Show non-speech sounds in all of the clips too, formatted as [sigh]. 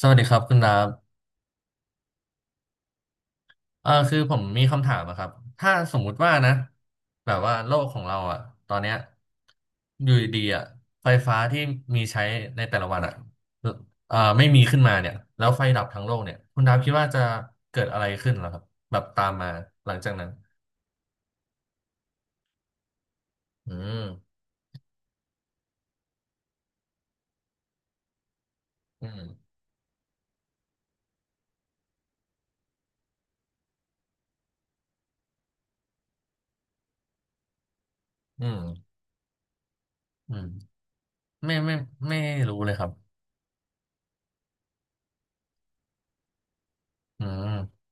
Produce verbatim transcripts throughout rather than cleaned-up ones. สวัสดีครับคุณดาบเอ่าคือผมมีคำถามอะครับ ถ้าสมมุติว่านะแบบว่าโลกของเราอะตอนเนี้ยอยู่ดีๆอะไฟฟ้าที่มีใช้ในแต่ละวันอะเอ่าไม่มีขึ้นมาเนี่ยแล้วไฟดับทั้งโลกเนี่ยคุณดาบคิดว่าจะเกิดอะไรขึ้นเหรอครับแบบตามมาหลังจากนั้นอืมอืมอืมอืมไม่ไม่ไม่รู้เลยครับอืม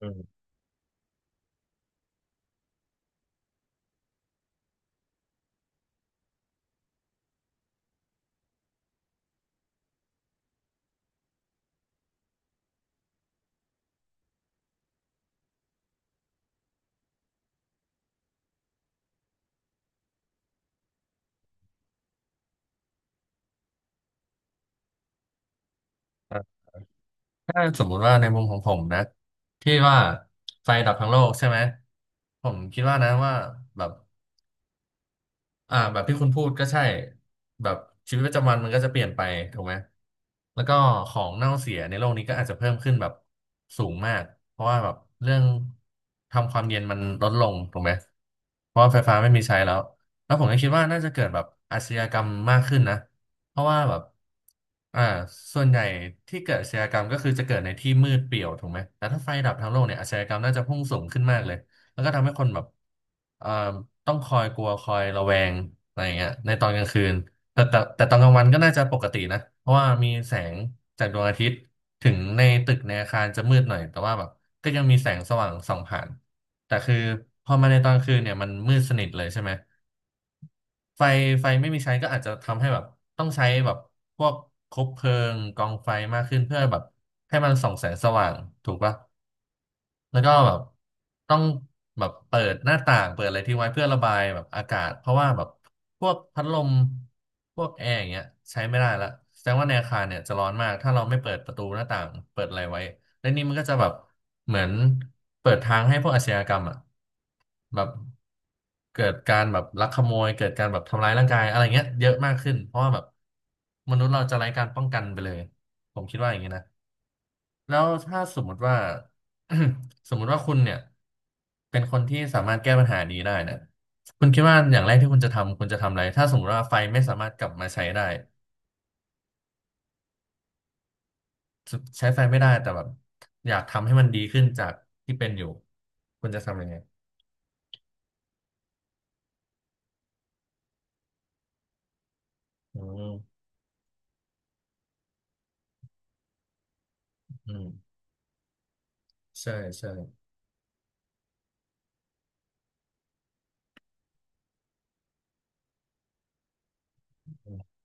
อืม ถ้าสมมุติว่าในมุมของผมนะที่ว่าไฟดับทั้งโลกใช่ไหมผมคิดว่านะว่าแบบ อ่าแบบที่คุณพูดก็ใช่แบบชีวิตประจำวันมันก็จะเปลี่ยนไปถูกไหมแล้วก็ของเน่าเสียในโลกนี้ก็อาจจะเพิ่มขึ้นแบบสูงมากเพราะว่าแบบเรื่องทำความเย็นมันลดลงถูกไหมเพราะว่าไฟฟ้าไม่มีใช้แล้วแล้วผมก็คิดว่าน่าจะเกิดแบบอาชญากรรมมากขึ้นนะเพราะว่าแบบอ่าส่วนใหญ่ที่เกิดอาชญากรรมก็คือจะเกิดในที่มืดเปลี่ยวถูกไหมแต่ถ้าไฟดับทั้งโลกเนี่ยอาชญากรรมน่าจะพุ่งสูงขึ้นมากเลย แล้วก็ทำให้คนแบบเอ่อต้องคอยกลัวคอยระแวงอะไรอย่างเงี้ยในตอนกลางคืนแต่แต่แต่ตอนกลางวันก็น่าจะปกตินะเพราะว่ามีแสงจากดวงอาทิตย์ ถึงในตึกในอาคารจะมืดหน่อยแต่ว่าแบบก็ยังมีแสงสว่างส่องผ่านแต่คือพอมาในตอนกลางคืนเนี่ยมันมืดสนิทเลยใช่ไหม ไฟไฟไม่มีใช้ก็อาจจะทำให้แบบต้องใช้แบบพวกคบเพลิงกองไฟมากขึ้นเพื่อแบบให้มันส่องแสงสว่างถูกปะ แล้วก็แบบต้องแบบเปิดหน้าต่างเปิดอะไรทิ้งไว้เพื่อระบายแบบอากาศเพราะว่าแบบพวกพัดลมพวกแอร์อย่างเงี้ยใช้ไม่ได้ละแสดงว่าในอาคารเนี่ยจะร้อนมากถ้าเราไม่เปิดประตูหน้าต่างเปิดอะไรไว้และนี่มันก็จะแบบเหมือนเปิดทางให้พวกอาชญากรรมอ่ะแบบเกิดการแบบลักขโมยเกิดการแบบทำร้ายร่างกายอะไรเงี้ยเยอะมากขึ้นเพราะว่าแบบมนุษย์เราจะไร้การป้องกันไปเลยผมคิดว่าอย่างนี้นะ แล้วถ้าสมมุติว่า [clears throat] สมมุติว่าคุณเนี่ยเป็นคนที่สามารถแก้ปัญหานี้ได้เนี่ยคุณคิดว่าอย่างแรกที่คุณจะทำคุณจะทำอะไรถ้าสมมติว่าไฟไม่สามารถกลับมาใช้ได้ใช้ไฟไม่ได้แต่แบบอยากทำให้มันดีขึ้นจากที่เป็นอยู่คุณจะทำยังไงอืมอืมใช่ใช่อืม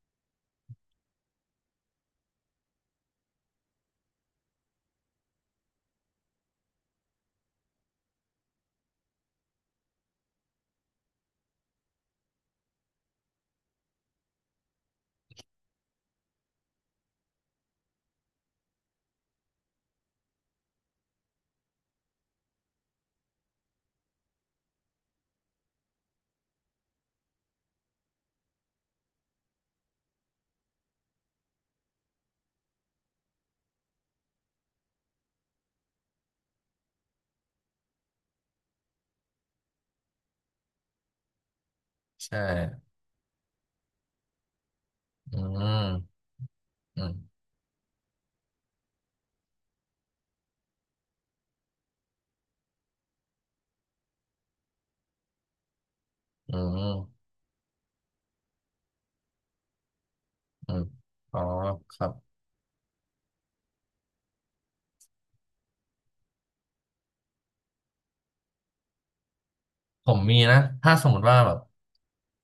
ใช่อืมอืมอืมอืมอ๋อครับผมมีนะถ้าสมมติว่าแบบ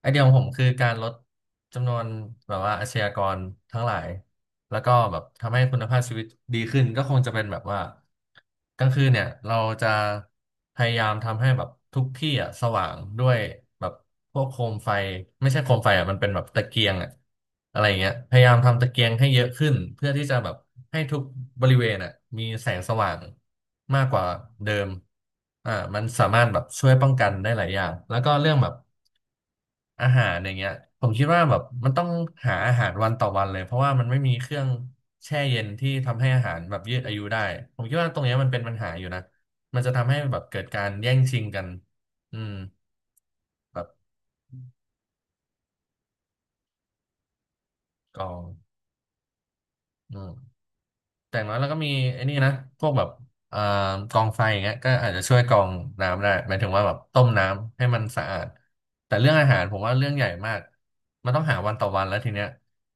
ไอเดียของผมคือการลดจำนวนแบบว่าอาชญากรทั้งหลายแล้วก็แบบทำให้คุณภาพชีวิตดีขึ้นก็คงจะเป็นแบบว่ากลางคืนเนี่ยเราจะพยายามทำให้แบบทุกที่อ่ะสว่างด้วยแบบพวกโคมไฟไม่ใช่โคมไฟอ่ะมันเป็นแบบตะเกียงอ่ะอะไรอย่างเงี้ยพยายามทำตะเกียงให้เยอะขึ้นเพื่อที่จะแบบให้ทุกบริเวณอ่ะมีแสงสว่างมากกว่าเดิมอ่ามันสามารถแบบช่วยป้องกันได้หลายอย่างแล้วก็เรื่องแบบ อาหารอย่างเงี้ยผมคิดว่าแบบมันต้องหาอาหารวันต่อวันเลยเพราะว่ามันไม่มีเครื่องแช่เย็นที่ทำให้อาหารแบบยืดอายุได้ผมคิดว่าตรงเนี้ยมันเป็นปัญหาอยู่นะมันจะทำให้แบบเกิดการแย่งชิงกันอืมแบบกองอืมแต่อย่างน้อยแล้วก็มีไอ้นี่นะพวกแบบเอ่อกองไฟอย่างเงี้ยก็อาจจะช่วยกรองน้ำได้หมายถึงว่าแบบต้มน้ำให้มันสะอาดแต่เรื่องอาหารผมว่าเรื่องใหญ่มากมันต้องหาวันต่อวันแล้วทีเนี้ย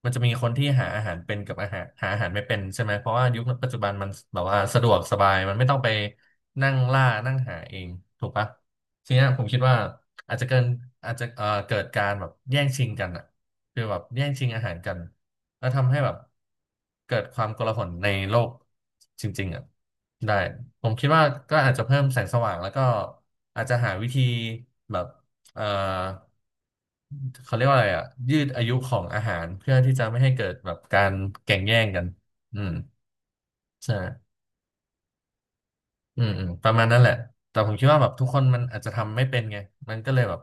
มันจะมีคนที่หาอาหารเป็นกับอาหารหาอาหารไม่เป็นใช่ไหมเพราะว่ายุคปัจจุบันมันแบบว่าสะดวกสบายมันไม่ต้องไปนั่งล่านั่งหาเองถูกปะทีเนี้ยผมคิดว่าอาจจะเกินอาจจะเอ่อเกิดการแบบแย่งชิงกันอะคือแบบแย่งชิงอาหารกันแล้วทำให้แบบเกิดความโกลาหลในโลกจริงๆอะได้ผมคิดว่าก็อาจจะเพิ่มแสงสว่างแล้วก็อาจจะหาวิธีแบบ เอ่อเขาเรียกว่าอะไรอ่ะยืดอายุของอาหารเพื่อที่จะไม่ให้เกิดแบบการแก่งแย่งกันอืมใช่อืมอืมประมาณนั้นแหละแต่ผมคิดว่าแบบทุกคนมันอาจจะทำไม่เป็นไงมันก็เลยแบบ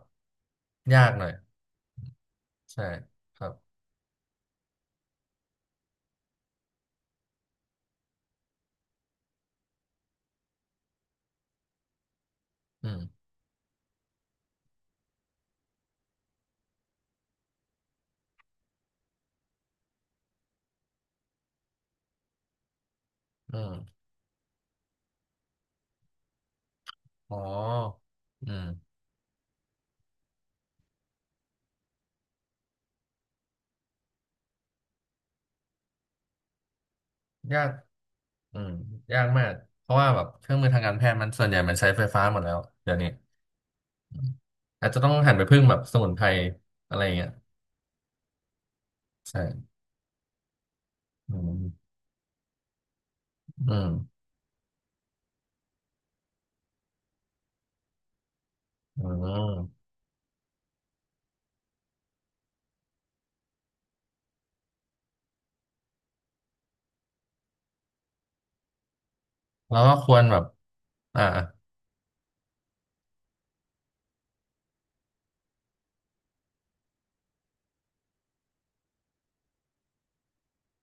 ยากหน่อยใช่ครับอืมอืมอ๋ออืมยากอืมยากมากเพราะว่าแบบเครื่องมือทางการแพทย์มันส่วนใหญ่มันใช้ไฟฟ้าหมดแล้วเดี๋ยวนี้อืมอาจจะต้องหันไปพึ่งแบบสมุนไพรอะไรอย่างเงี้ยใช่อืมอืม อืมแล้วก็ควรแบบอ่า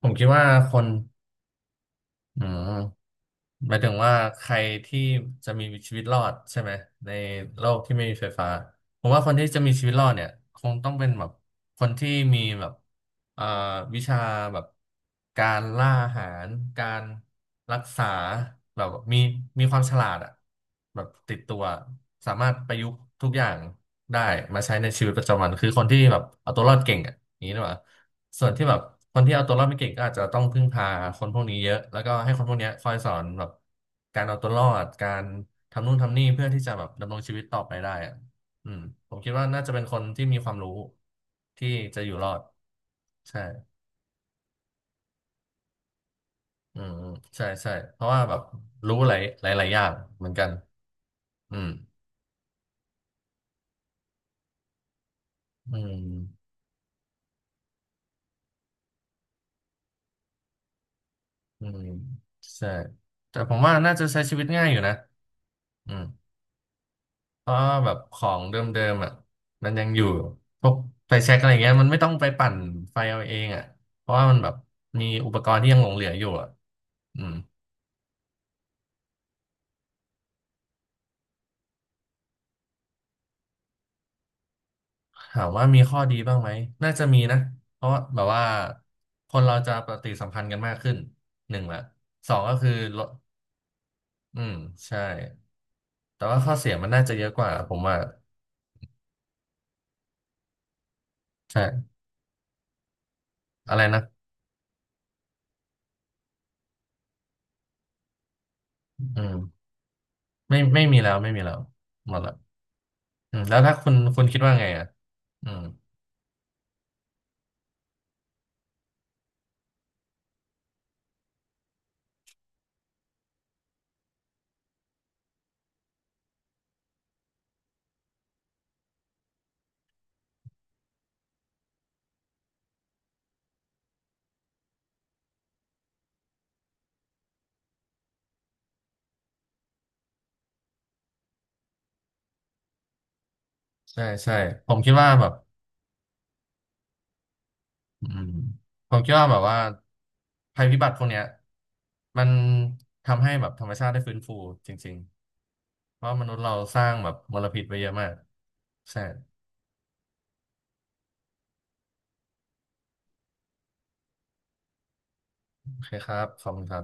ผมคิดว่าคนอืมหมายถึงว่าใครที่จะมีชีวิตรอดใช่ไหมในโลกที่ไม่มีไฟฟ้า ผมว่าคนที่จะมีชีวิตรอดเนี่ยคงต้องเป็นแบบคนที่มีแบบเอ่าวิชาแบบการล่าอาหาร การรักษาแบบมีมีความฉลาดอะแบบติดตัวสามารถประยุกต์ทุกอย่าง ได้มาใช้ในชีวิตประจำวันคือคนที่แบบเอาตัวรอดเก่งอ่ะอย่างนี้หรือเปล่าส่วนที่แบบคนที่เอาตัวรอดไม่เก่งก็อาจจะต้องพึ่งพาคนพวกนี้เยอะแล้วก็ให้คนพวกเนี้ยคอยสอนแบบการเอาตัวรอดการทำนู่นทำนี่เพื่อที่จะแบบดำรงชีวิตต่อไปได้อ่ะอืมผมคิดว่าน่าจะเป็นคนที่มีความรู้ที่จะอยู่รอดใช่อืมอืมใช่ใช่เพราะว่าแบบรู้หลายหลายหลายอย่างเหมือนกันอืมอืมอืมใช่แต่ผมว่าน่าจะใช้ชีวิตง่ายอยู่นะอืม เพราะว่าแบบของเดิมๆอ่ะมันยังอยู่พวกไฟแช็กอะไรเงี้ยมันไม่ต้องไปปั่นไฟเอาเองอ่ะเพราะว่ามันแบบมีอุปกรณ์ที่ยังหลงเหลืออยู่อ่ะอืมถามว่ามีข้อดีบ้างไหมน่าจะมีนะเพราะว่าแบบว่าคนเราจะปฏิสัมพันธ์กันมากขึ้นหนึ่งละสองก็คือลดอืมใช่แต่ว่าข้อเสียมันน่าจะเยอะกว่าผมว่าใช่อะไรนะอืมไม่ไม่มีแล้วไม่มีแล้วหมดละอืมแล้วถ้าคุณคุณคิดว่าไงอ่ะอืม ใช่ใช่ผมคิดว่าแบบอืมผมคิดว่าแบบว่าภัยพิบัติพวกเนี้ยมันทำให้แบบธรรมชาติได้ฟื้นฟูจริงๆเพราะมนุษย์เราสร้างแบบมลพิษไปเยอะมากใช่โอเคครับขอบคุณครับ